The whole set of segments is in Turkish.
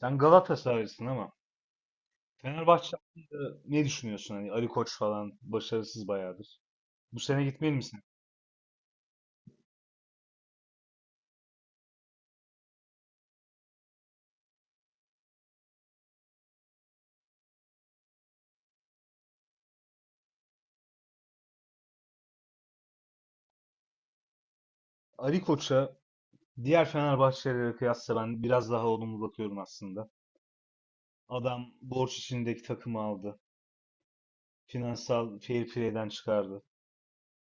Sen Galatasaraylısın ama Fenerbahçe hakkında ne düşünüyorsun? Hani Ali Koç falan başarısız bayağıdır. Bu sene gitmeli misin? Ali Koç'a diğer Fenerbahçelilere kıyasla ben biraz daha olumlu bakıyorum aslında. Adam borç içindeki takımı aldı. Finansal fair play'den çıkardı.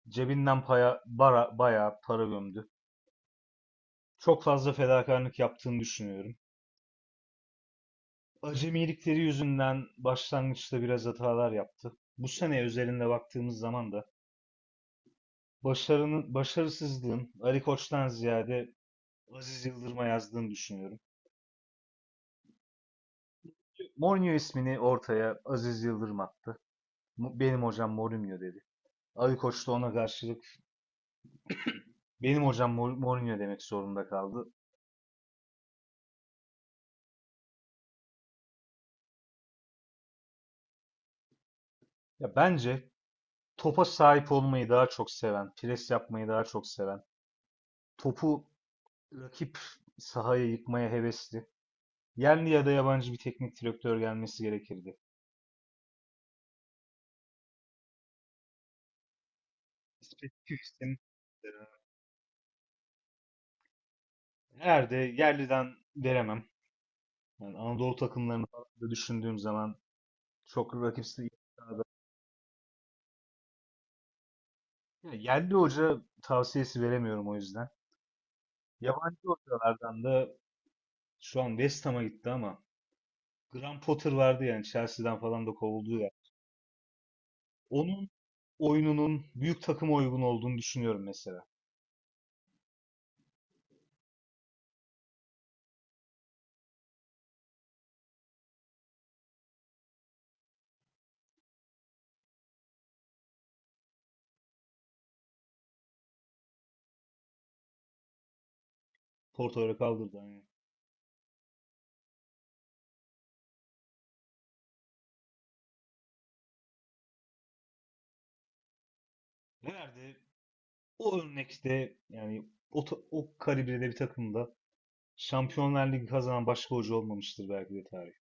Cebinden bayağı para gömdü. Çok fazla fedakarlık yaptığını düşünüyorum. Acemilikleri yüzünden başlangıçta biraz hatalar yaptı. Bu sene özelinde baktığımız zaman da başarının, başarısızlığın Ali Koç'tan ziyade Aziz Yıldırım'a yazdığını düşünüyorum. Mourinho ismini ortaya Aziz Yıldırım attı. Benim hocam Mourinho dedi. Ali Koç da ona karşılık benim hocam Mourinho demek zorunda kaldı. Ya bence topa sahip olmayı daha çok seven, pres yapmayı daha çok seven, topu rakip sahaya yıkmaya hevesli, yerli ya da yabancı bir teknik direktör gelmesi gerekirdi. Spesifik isim, eğer de yerliden veremem. Yani Anadolu takımlarını falan da düşündüğüm zaman çok rakipsiz iyi bir sahada. Ya, yerli hoca tavsiyesi veremiyorum o yüzden. Yabancı hocalardan da şu an West Ham'a gitti ama Graham Potter vardı, yani Chelsea'den falan da kovuldu ya. Onun oyununun büyük takıma uygun olduğunu düşünüyorum mesela. Porto'ya kaldırdı hani. Nerede? O örnekte yani o kalibrede bir takımda Şampiyonlar Ligi kazanan başka hoca olmamıştır belki de tarih.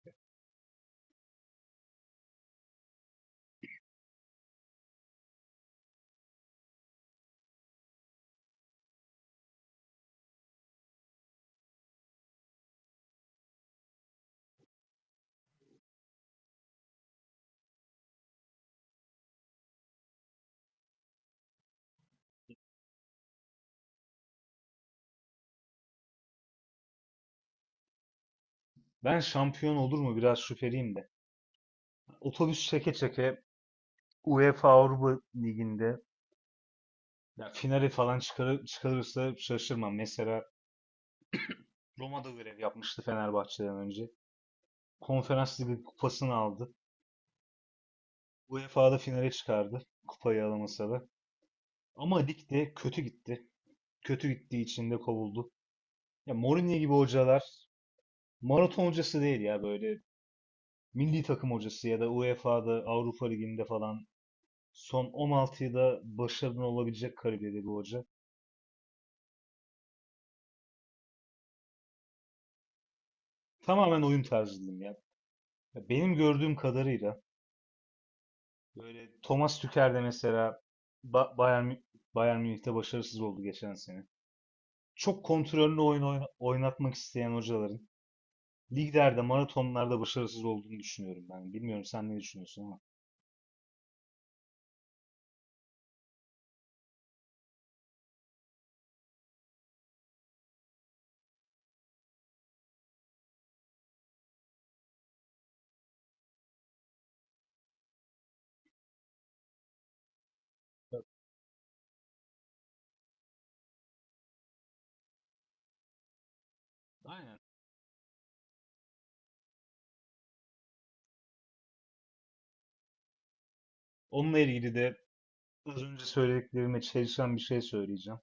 Ben şampiyon olur mu biraz şüpheliyim de. Otobüs çeke çeke UEFA Avrupa Ligi'nde ya finali falan çıkarırsa şaşırmam. Mesela Roma'da görev yapmıştı Fenerbahçe'den önce. Konferans Ligi kupasını aldı. UEFA'da finale çıkardı. Kupayı alamasa da. Ama ligde kötü gitti. Kötü gittiği için de kovuldu. Ya Mourinho gibi hocalar maraton hocası değil ya, böyle milli takım hocası ya da UEFA'da Avrupa Ligi'nde falan son 16'yı da başarılı olabilecek kariyerde bir hoca. Tamamen oyun tarzı diyeyim ya. Ya, benim gördüğüm kadarıyla böyle Thomas Tuchel de mesela Ba- Bayern, Mü- Bayern Münih'te başarısız oldu geçen sene. Çok kontrollü oyun oynatmak isteyen hocaların liglerde, maratonlarda başarısız olduğunu düşünüyorum ben. Bilmiyorum sen ne düşünüyorsun ama. Ya, aynen. Onunla ilgili de az önce söylediklerime çelişen bir şey söyleyeceğim.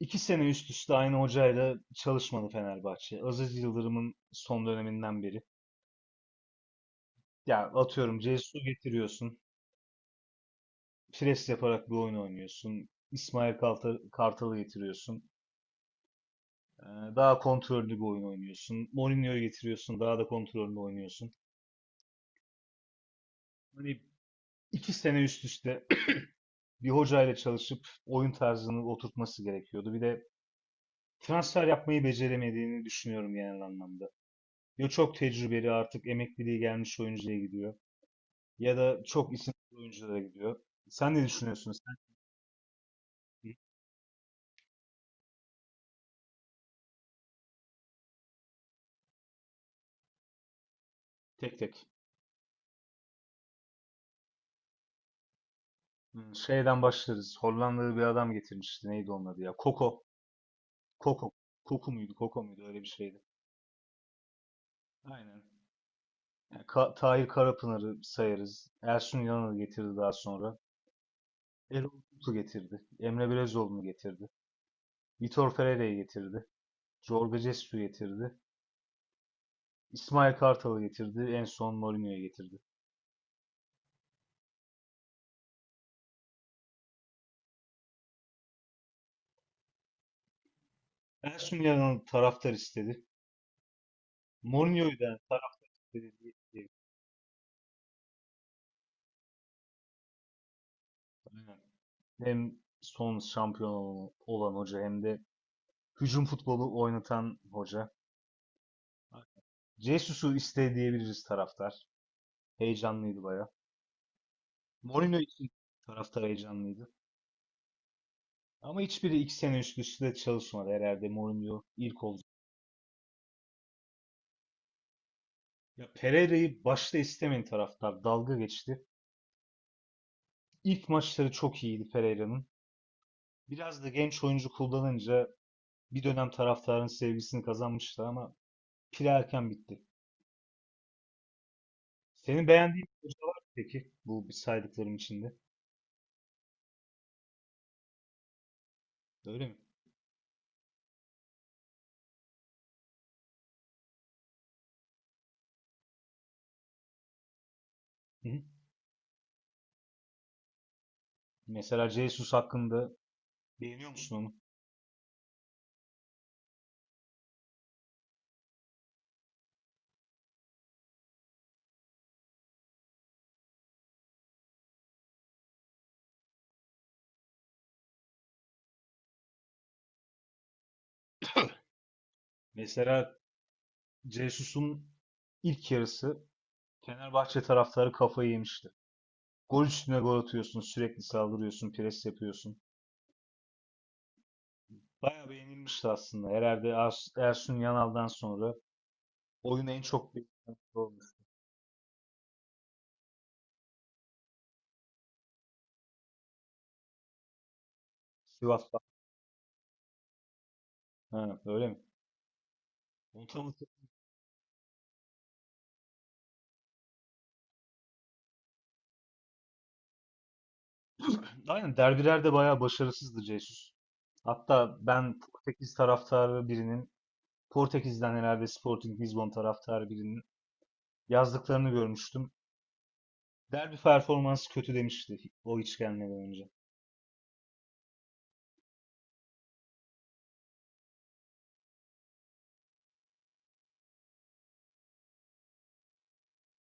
İki sene üst üste aynı hocayla çalışmadı Fenerbahçe. Aziz Yıldırım'ın son döneminden beri. Ya atıyorum Cesu getiriyorsun, pres yaparak bir oyun oynuyorsun. İsmail Kartal'ı getiriyorsun. Ee, Daha kontrollü bir oyun oynuyorsun. Mourinho'yu getiriyorsun. Daha da kontrollü oynuyorsun. Hani iki sene üst üste bir hocayla çalışıp oyun tarzını oturtması gerekiyordu. Bir de transfer yapmayı beceremediğini düşünüyorum genel anlamda. Ya çok tecrübeli artık emekliliği gelmiş oyuncuya gidiyor. Ya da çok isimli oyunculara gidiyor. Sen ne düşünüyorsun? Sen tek tek. Şeyden başlarız. Hollandalı bir adam getirmişti. Neydi onun adı ya? Koko. Koko. Koku muydu? Koko muydu? Öyle bir şeydi. Aynen. Yani Tahir Karapınar'ı sayarız. Ersun Yanal'ı getirdi daha sonra. Erol Bulut'u getirdi. Emre Belezoğlu'nu getirdi. Vitor Pereira'yı getirdi. Jorge Jesus'u getirdi. İsmail Kartal'ı getirdi. En son Mourinho'yu getirdi. Ersun Yanal'ı taraftar istedi. Mourinho'yu da taraftar istedi. Aynen. Hem son şampiyon olan hoca hem de hücum futbolu oynatan hoca. Jesus'u istedi diyebiliriz taraftar. Heyecanlıydı baya. Mourinho için taraftar heyecanlıydı. Ama hiçbiri iki sene üst üste çalışmadı, herhalde Mourinho ilk oldu. Ya Pereira'yı başta istemeyen taraftar dalga geçti. İlk maçları çok iyiydi Pereira'nın. Biraz da genç oyuncu kullanınca bir dönem taraftarın sevgisini kazanmıştı ama pil erken bitti. Senin beğendiğin hoca var mı peki bu saydıklarım içinde? Öyle mi? Hı hı. Mesela Jesus hakkında beğeniyor musun onu? Mesela Jesus'un ilk yarısı Fenerbahçe taraftarı kafayı yemişti. Gol üstüne gol atıyorsun, sürekli saldırıyorsun, pres yapıyorsun. Bayağı beğenilmişti aslında. Herhalde Ersun Yanal'dan sonra oyunu en çok beğenilen olmuş. Sivas'ta. Ha, öyle mi? Onu tam hatırlamıyorum. Aynen, derbilerde bayağı başarısızdı Jesus. Hatta ben Portekiz taraftarı birinin, Portekiz'den herhalde Sporting Lisbon taraftarı birinin yazdıklarını görmüştüm. Derbi performansı kötü demişti o hiç gelmeden önce.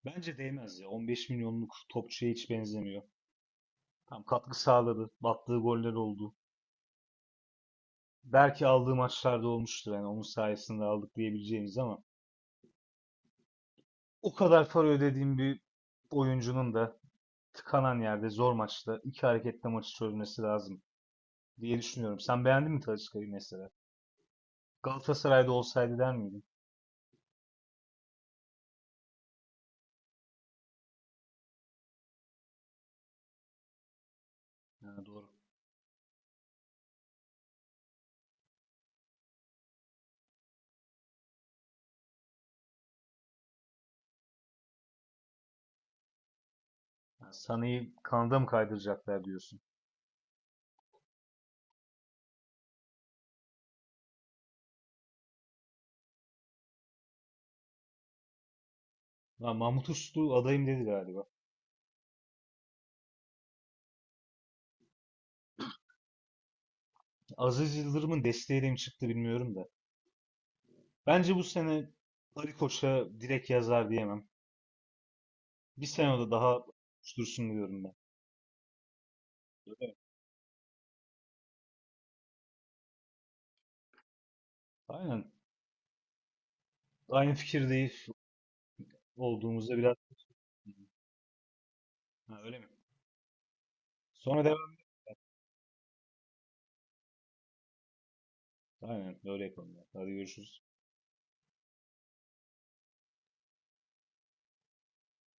Bence değmez ya. 15 milyonluk topçuya hiç benzemiyor. Tam katkı sağladı, battığı goller oldu. Belki aldığı maçlarda olmuştur. Yani onun sayesinde aldık diyebileceğimiz ama o kadar para ödediğim bir oyuncunun da tıkanan yerde zor maçta iki hareketle maçı çözmesi lazım diye düşünüyorum. Sen beğendin mi Talisca'yı mesela? Galatasaray'da olsaydı der miydin? Yani doğru. Yani Sana'yı kanada mı kaydıracaklar diyorsun. Lan Mahmut Uslu adayım dedi galiba. Aziz Yıldırım'ın desteğiyle mi çıktı bilmiyorum da. Bence bu sene Ali Koç'a direkt yazar diyemem. Bir sene de daha dursun diyorum ben. Öyle mi? Aynen. Aynı fikirdeyiz olduğumuzda biraz. Ha, öyle mi? Sonra devam. Aynen öyle yapalım ya. Hadi görüşürüz.